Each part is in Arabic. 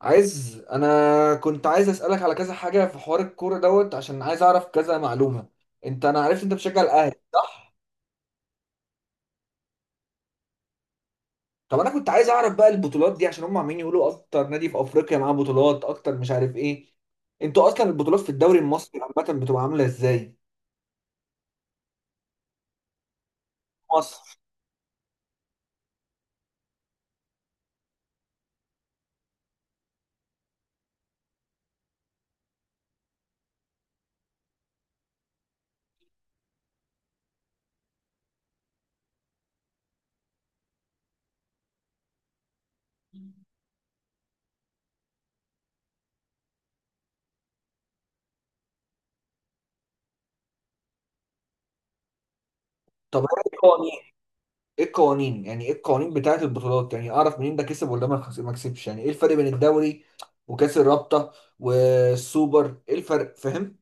انا كنت عايز اسالك على كذا حاجه في حوار الكوره دوت، عشان عايز اعرف كذا معلومه. انا عرفت انت بتشجع الاهلي، صح؟ طب انا كنت عايز اعرف بقى البطولات دي، عشان هم عمالين يقولوا اكتر نادي في افريقيا معاه بطولات اكتر مش عارف ايه. انتوا اصلا البطولات في الدوري المصري عامه بتبقى عامله ازاي؟ مصر. طب ايه القوانين؟ ايه القوانين، يعني ايه القوانين بتاعه البطولات، يعني اعرف منين ده كسب ولا ما كسبش، يعني ايه الفرق بين الدوري وكاس الرابطه والسوبر؟ ايه الفرق، فاهم؟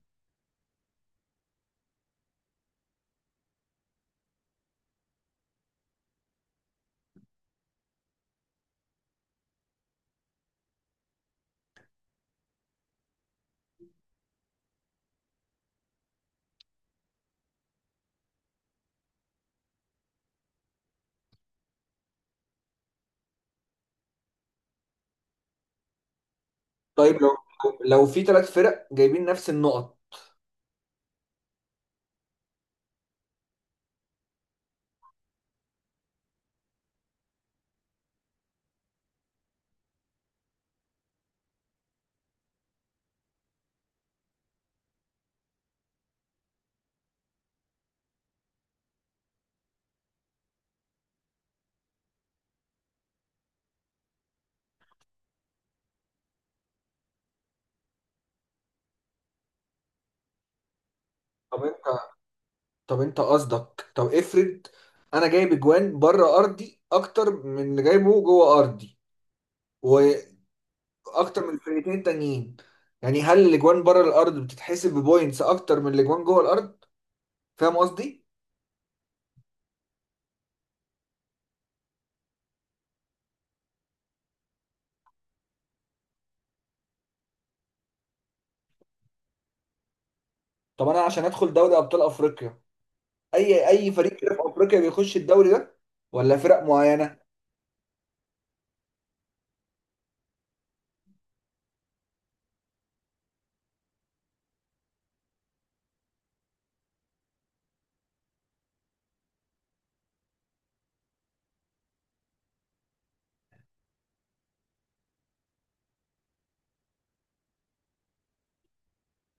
طيب لو، لو في ثلاث فرق جايبين نفس النقط. طب انت طب انت قصدك، طب افرض انا جايب اجوان بره ارضي اكتر من اللي جايبه جوه ارضي، واكتر من الفرقتين التانيين، يعني هل الاجوان بره الارض بتتحسب ببوينتس اكتر من الاجوان جوه الارض؟ فاهم قصدي؟ طب انا عشان ادخل دوري ابطال افريقيا، اي فريق في افريقيا بيخش الدوري ده ولا فرق معينة؟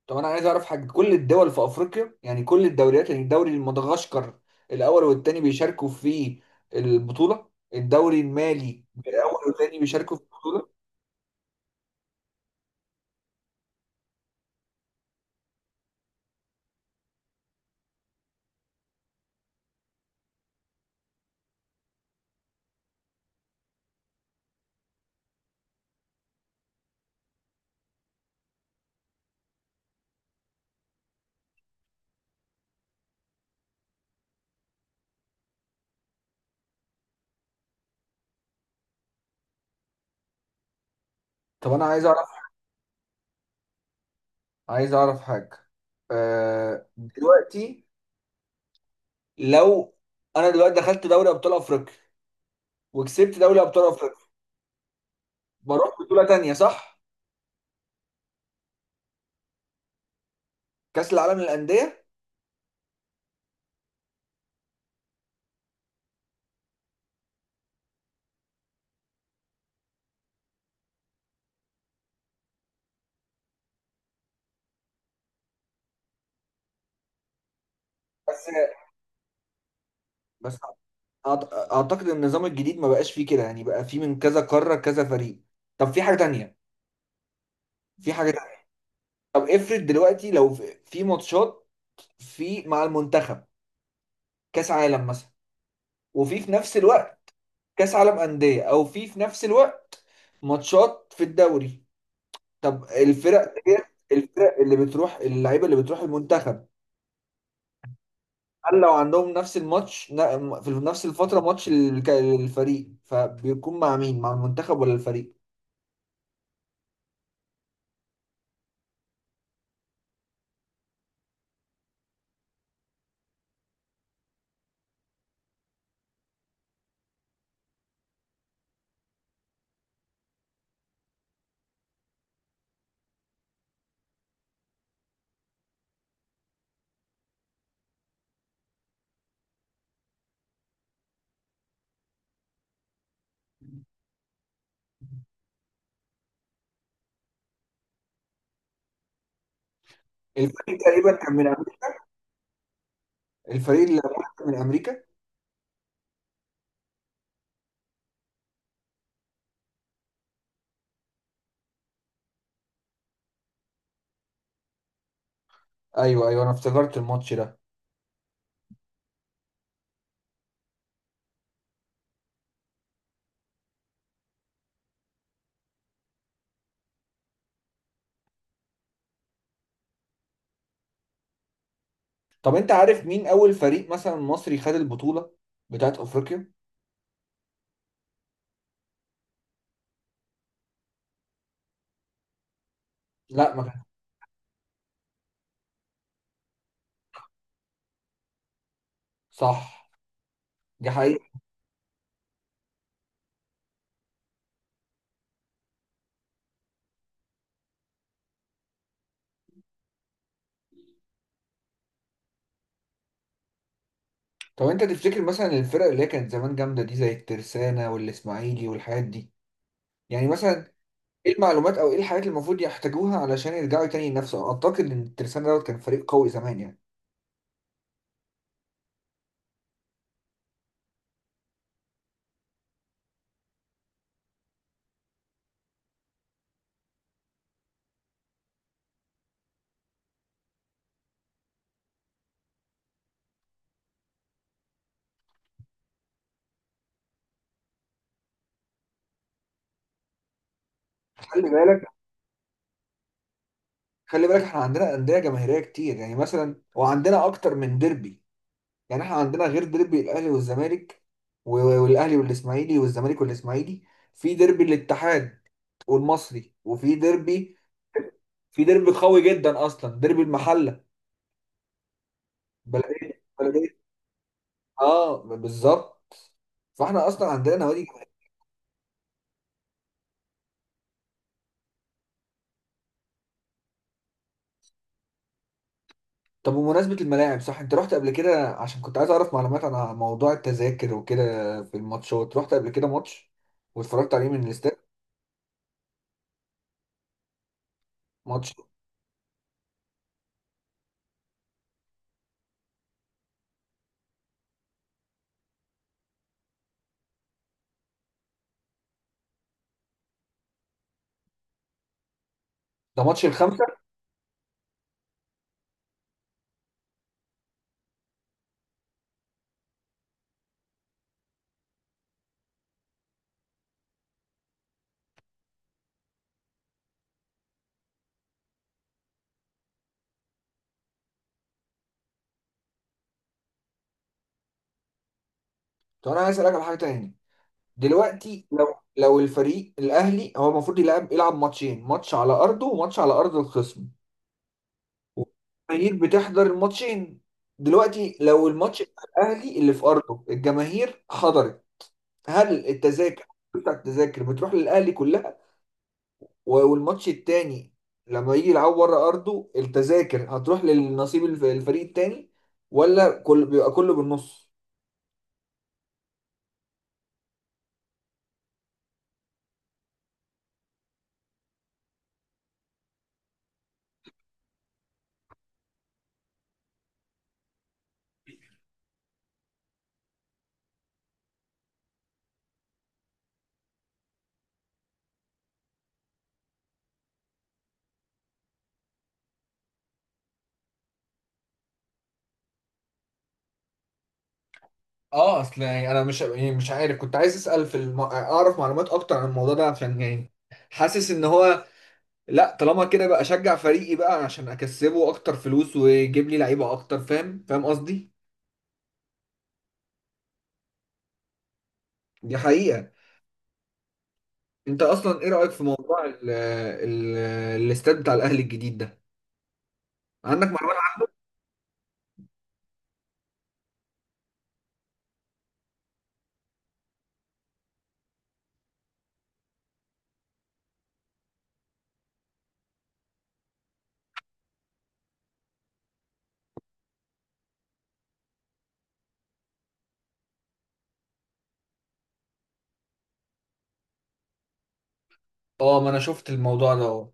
طب انا عايز اعرف حاجه، كل الدول في افريقيا يعني كل الدوريات، يعني الدوري مدغشقر الاول والثاني بيشاركوا في البطوله، الدوري المالي الاول والثاني بيشاركوا في البطوله. طب انا عايز اعرف، عايز اعرف حاجه. أه، دلوقتي لو انا دلوقتي دخلت دوري ابطال افريقيا وكسبت دوري ابطال افريقيا، بروح بطوله تانية صح؟ كاس العالم للانديه. بس، بس اعتقد ان النظام الجديد ما بقاش فيه كده، يعني بقى فيه من كذا قاره كذا فريق. طب في حاجه تانية، في حاجه. طب افرض دلوقتي، لو في ماتشات، في مع المنتخب، كاس عالم مثلا، وفي في نفس الوقت كاس عالم انديه، او في نفس الوقت ماتشات في الدوري. طب الفرق الفرق اللي بتروح، اللعيبه اللي بتروح المنتخب، هل لو عندهم نفس الماتش في نفس الفتره، ماتش الفريق، فبيكون مع مين، مع المنتخب ولا الفريق؟ الفريق تقريبا كان من امريكا، الفريق اللي راح من امريكا. ايوه ايوه، انا افتكرت الماتش ده. طب انت عارف مين اول فريق مثلا مصري خد البطولة بتاعت افريقيا؟ لا، ما كان. صح، دي حقيقة. طب انت تفتكر مثلا الفرق اللي هي كانت زمان جامدة دي، زي الترسانة والاسماعيلي والحاجات دي، يعني مثلا، ايه المعلومات او ايه الحاجات اللي المفروض يحتاجوها علشان يرجعوا تاني ينافسوا؟ اعتقد ان الترسانة دوت كان فريق قوي زمان يعني. خلي بالك، احنا عندنا أندية جماهيرية كتير، يعني مثلا وعندنا اكتر من ديربي، يعني احنا عندنا غير ديربي الاهلي والزمالك، والاهلي والاسماعيلي والزمالك والاسماعيلي، في ديربي الاتحاد والمصري، وفي ديربي، في ديربي قوي جدا اصلا، ديربي المحله. بلديه بلديه، اه بالظبط. فاحنا اصلا عندنا نوادي جماهيرية. طب بمناسبه الملاعب، صح انت رحت قبل كده، عشان كنت عايز اعرف معلومات عن موضوع التذاكر وكده في الماتشات. رحت قبل كده ماتش واتفرجت عليه من الاستاد؟ ماتش. ده ماتش الخمسه. طب انا عايز اسالك على حاجه تاني، دلوقتي لو، لو الفريق الاهلي هو المفروض يلعب ماتشين، ماتش على ارضه وماتش على ارض الخصم، والجماهير بتحضر الماتشين. دلوقتي لو الماتش بتاع الاهلي اللي في ارضه الجماهير حضرت، هل التذاكر بتاع التذاكر بتروح للاهلي كلها؟ والماتش التاني لما يجي يلعب بره ارضه، التذاكر هتروح للنصيب الفريق التاني، ولا كل بيبقى كله بالنص؟ اه، اصل يعني انا مش، يعني مش عارف، كنت عايز اسال في اعرف معلومات اكتر عن الموضوع ده، عشان يعني حاسس ان هو، لا طالما كده بقى اشجع فريقي بقى عشان اكسبه اكتر فلوس ويجيب لي لعيبه اكتر، فاهم قصدي؟ دي حقيقه. انت اصلا ايه رايك في موضوع ال الاستاد بتاع الاهلي الجديد ده، عندك معلومات اه؟ ما انا شفت الموضوع ده اه.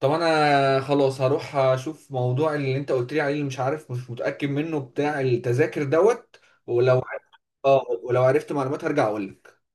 طب انا خلاص هروح اشوف موضوع اللي انت قلت لي عليه، اللي مش عارف مش متاكد منه، بتاع التذاكر دوت، ولو، اه ولو عرفت معلومات هرجع اقول لك.